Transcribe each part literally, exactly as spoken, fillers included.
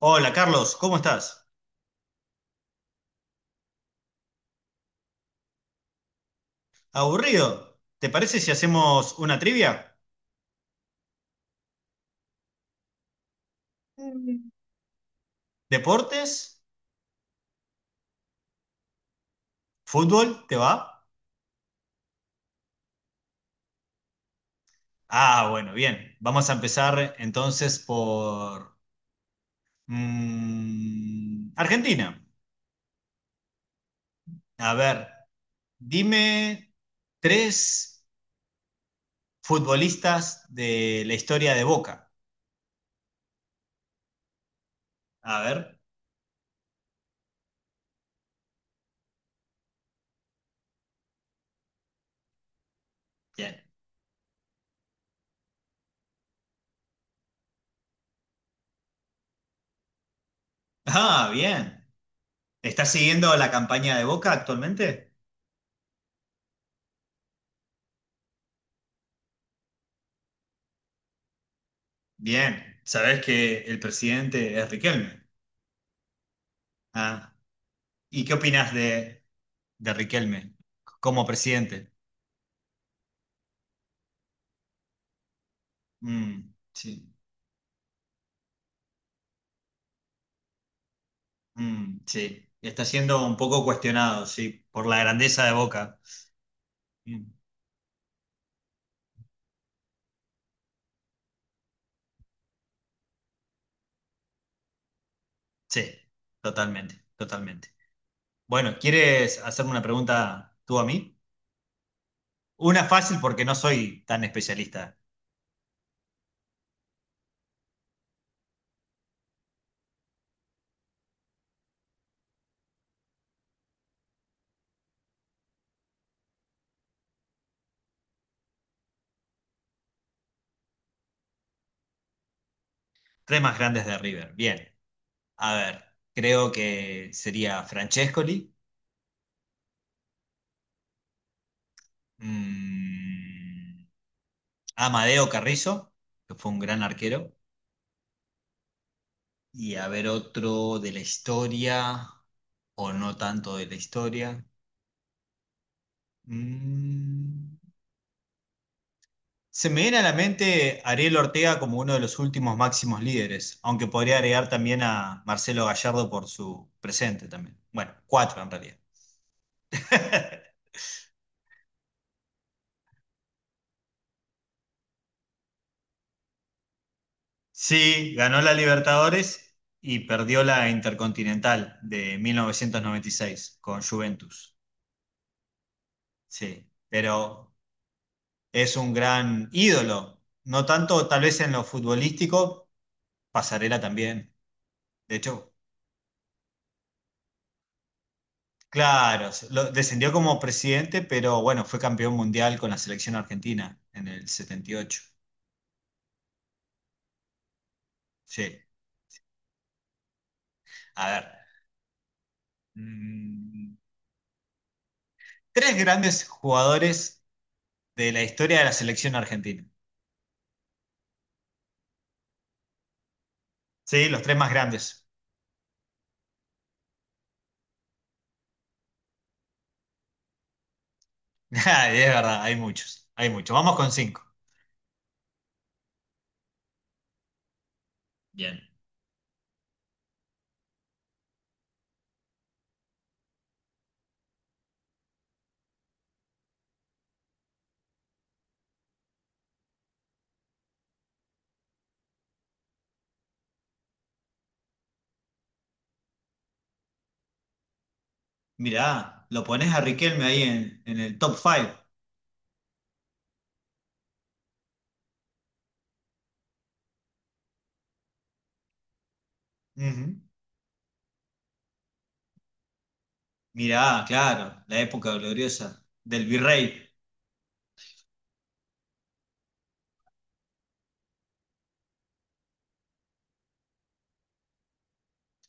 Hola Carlos, ¿cómo estás? ¿Aburrido? ¿Te parece si hacemos una trivia? ¿Deportes? ¿Fútbol? ¿Te va? Ah, bueno, bien. Vamos a empezar entonces por mm, Argentina. A ver, dime tres futbolistas de la historia de Boca. A ver, bien. Ah, bien. ¿Estás siguiendo la campaña de Boca actualmente? Bien. Sabes que el presidente es Riquelme. Ah. ¿Y qué opinas de, de Riquelme como presidente? Mm, sí, mm, sí. Está siendo un poco cuestionado, sí, por la grandeza de Boca. Mm, sí, totalmente, totalmente. Bueno, ¿quieres hacerme una pregunta tú a mí? Una fácil porque no soy tan especialista. Tres más grandes de River. Bien. A ver, creo que sería Francescoli, mm, Amadeo Carrizo, que fue un gran arquero. Y a ver otro de la historia, o no tanto de la historia. Mm. Se me viene a la mente Ariel Ortega como uno de los últimos máximos líderes, aunque podría agregar también a Marcelo Gallardo por su presente también. Bueno, cuatro en realidad. Sí, ganó la Libertadores y perdió la Intercontinental de mil novecientos noventa y seis con Juventus. Sí, pero es un gran ídolo, no tanto tal vez en lo futbolístico. Pasarela también. De hecho, claro, se- lo- descendió como presidente, pero bueno, fue campeón mundial con la selección argentina en el setenta y ocho. Sí. A ver, mm, tres grandes jugadores de la historia de la selección argentina. Sí, los tres más grandes. Ah, es verdad, hay muchos, hay muchos. Vamos con cinco. Bien. Mirá, lo pones a Riquelme ahí en, en el top five. Ujú. Mirá, claro, la época gloriosa del virrey.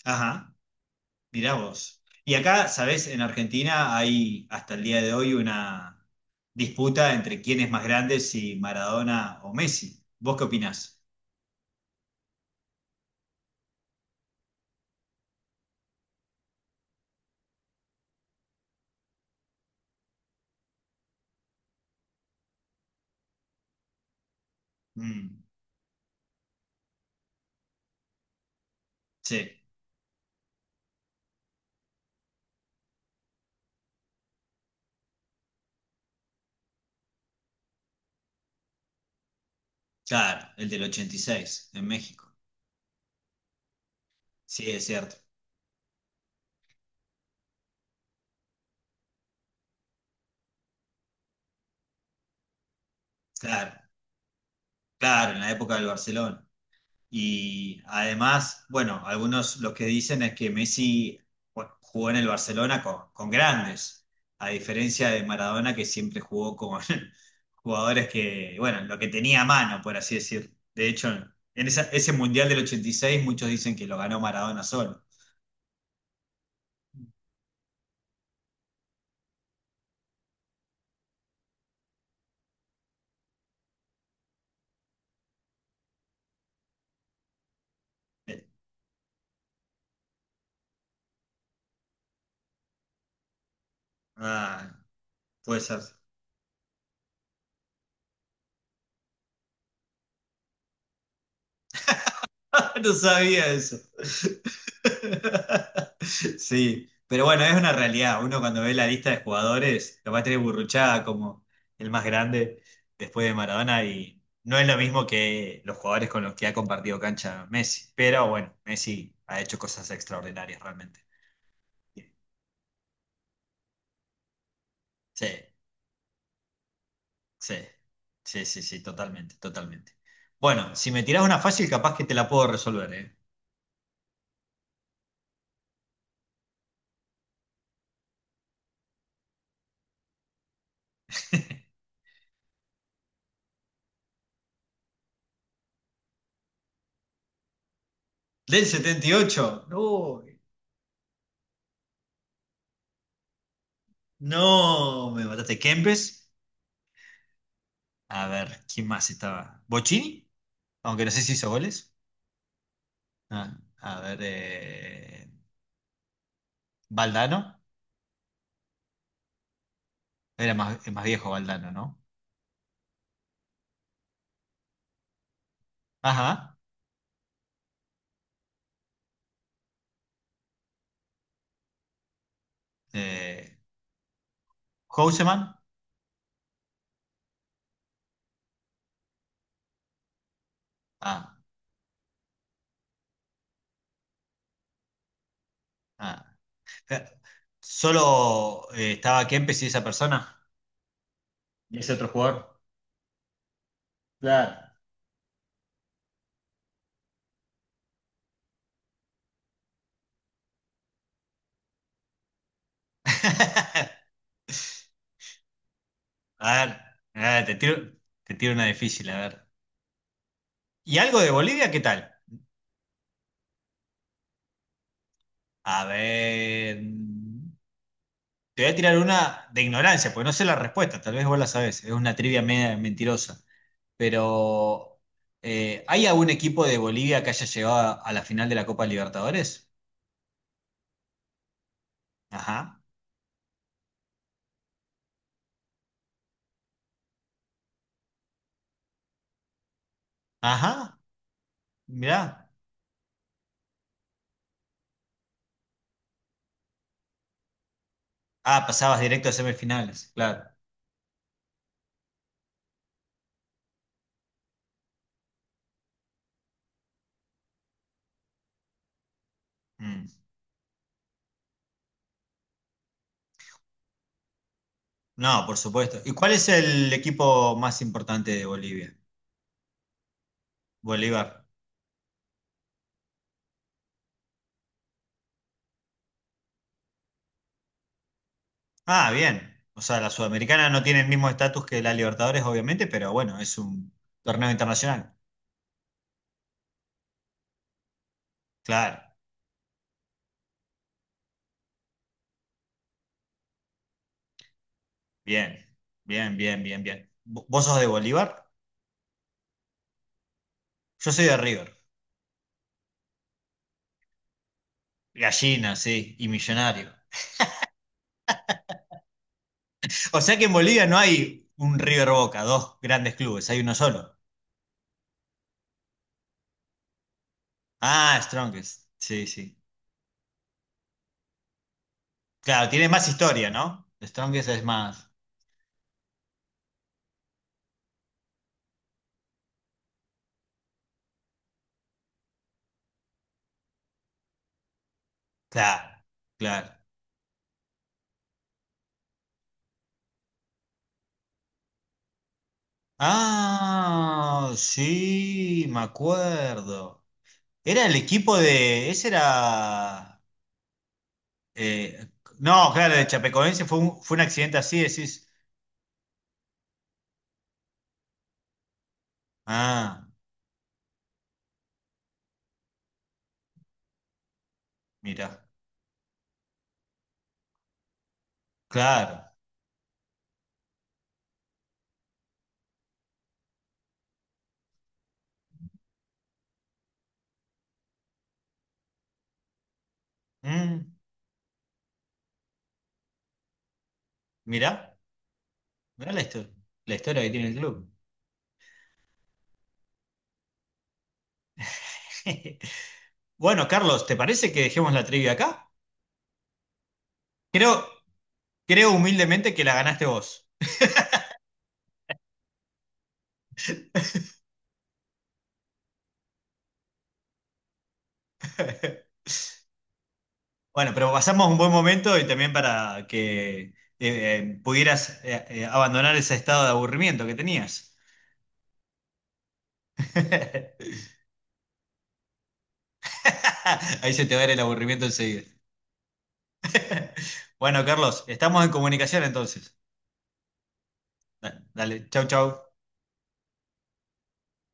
Ajá. Mirá vos. Y acá, sabés, en Argentina hay hasta el día de hoy una disputa entre quién es más grande, si Maradona o Messi. ¿Vos qué opinás? Mm, sí, claro, el del ochenta y seis en México. Sí, es cierto. Claro, claro, en la época del Barcelona. Y además, bueno, algunos lo que dicen es que Messi bueno, jugó en el Barcelona con, con grandes, a diferencia de Maradona que siempre jugó con jugadores que, bueno, lo que tenía a mano, por así decir. De hecho, en esa- ese Mundial del ochenta y seis muchos dicen que lo ganó Maradona solo. Eh, Ah, puede ser. No sabía eso. Sí, pero bueno, es una realidad. Uno cuando ve la lista de jugadores, lo va a tener Burruchaga como el más grande después de Maradona y no es lo mismo que los jugadores con los que ha compartido cancha Messi. Pero bueno, Messi ha hecho cosas extraordinarias realmente. Sí, sí, sí, sí, sí, totalmente, totalmente. Bueno, si me tirás una fácil, capaz que te la puedo resolver, ¿eh? Del setenta y ocho no. No, me mataste. Kempes. A ver, ¿quién más estaba? ¿Bochini? Aunque no sé si hizo goles. Ah, a ver, eh, Valdano. Era más, es más viejo Valdano, ¿no? Ajá. Eh, Houseman. Ah, ah. Eh, Solo eh, estaba Kempes y esa persona. Y ese otro jugador. Claro. A ver, a ver, te tiro, te tiro una difícil, a ver. ¿Y algo de Bolivia? ¿Qué tal? A ver. Te voy a tirar una de ignorancia, porque no sé la respuesta, tal vez vos la sabés, es una trivia media mentirosa. Pero, eh, ¿hay algún equipo de Bolivia que haya llegado a, a la final de la Copa Libertadores? Ajá, ajá, mirá. Ah, pasabas directo a semifinales, claro. Mm. No, por supuesto. ¿Y cuál es el equipo más importante de Bolivia? Bolívar. Ah, bien. O sea, la Sudamericana no tiene el mismo estatus que la Libertadores, obviamente, pero bueno, es un torneo internacional. Claro. Bien, bien, bien, bien, bien. ¿Vo- ¿Vos sos de Bolívar? Yo soy de River. Gallina, sí, y Millonario. O sea que en Bolivia no hay un River Boca, dos grandes clubes, hay uno solo. Ah, Strongest, sí, sí. Claro, tiene más historia, ¿no? Strongest es más. Claro, claro. Ah, sí, me acuerdo. Era el equipo de. Ese era. eh, no, claro, de Chapecoense fue un, fue un accidente así, decís. Ah, mira. Claro. Mm, mirá, mirá la historia, la historia que tiene el club. Bueno, Carlos, ¿te parece que dejemos la trivia acá? Creo, creo humildemente que la ganaste vos. Bueno, pero pasamos un buen momento y también para que eh, eh, pudieras eh, eh, abandonar ese estado de aburrimiento que tenías. Ahí se te va a ir el aburrimiento enseguida. Bueno, Carlos, estamos en comunicación entonces. Da- Dale, chau, chau.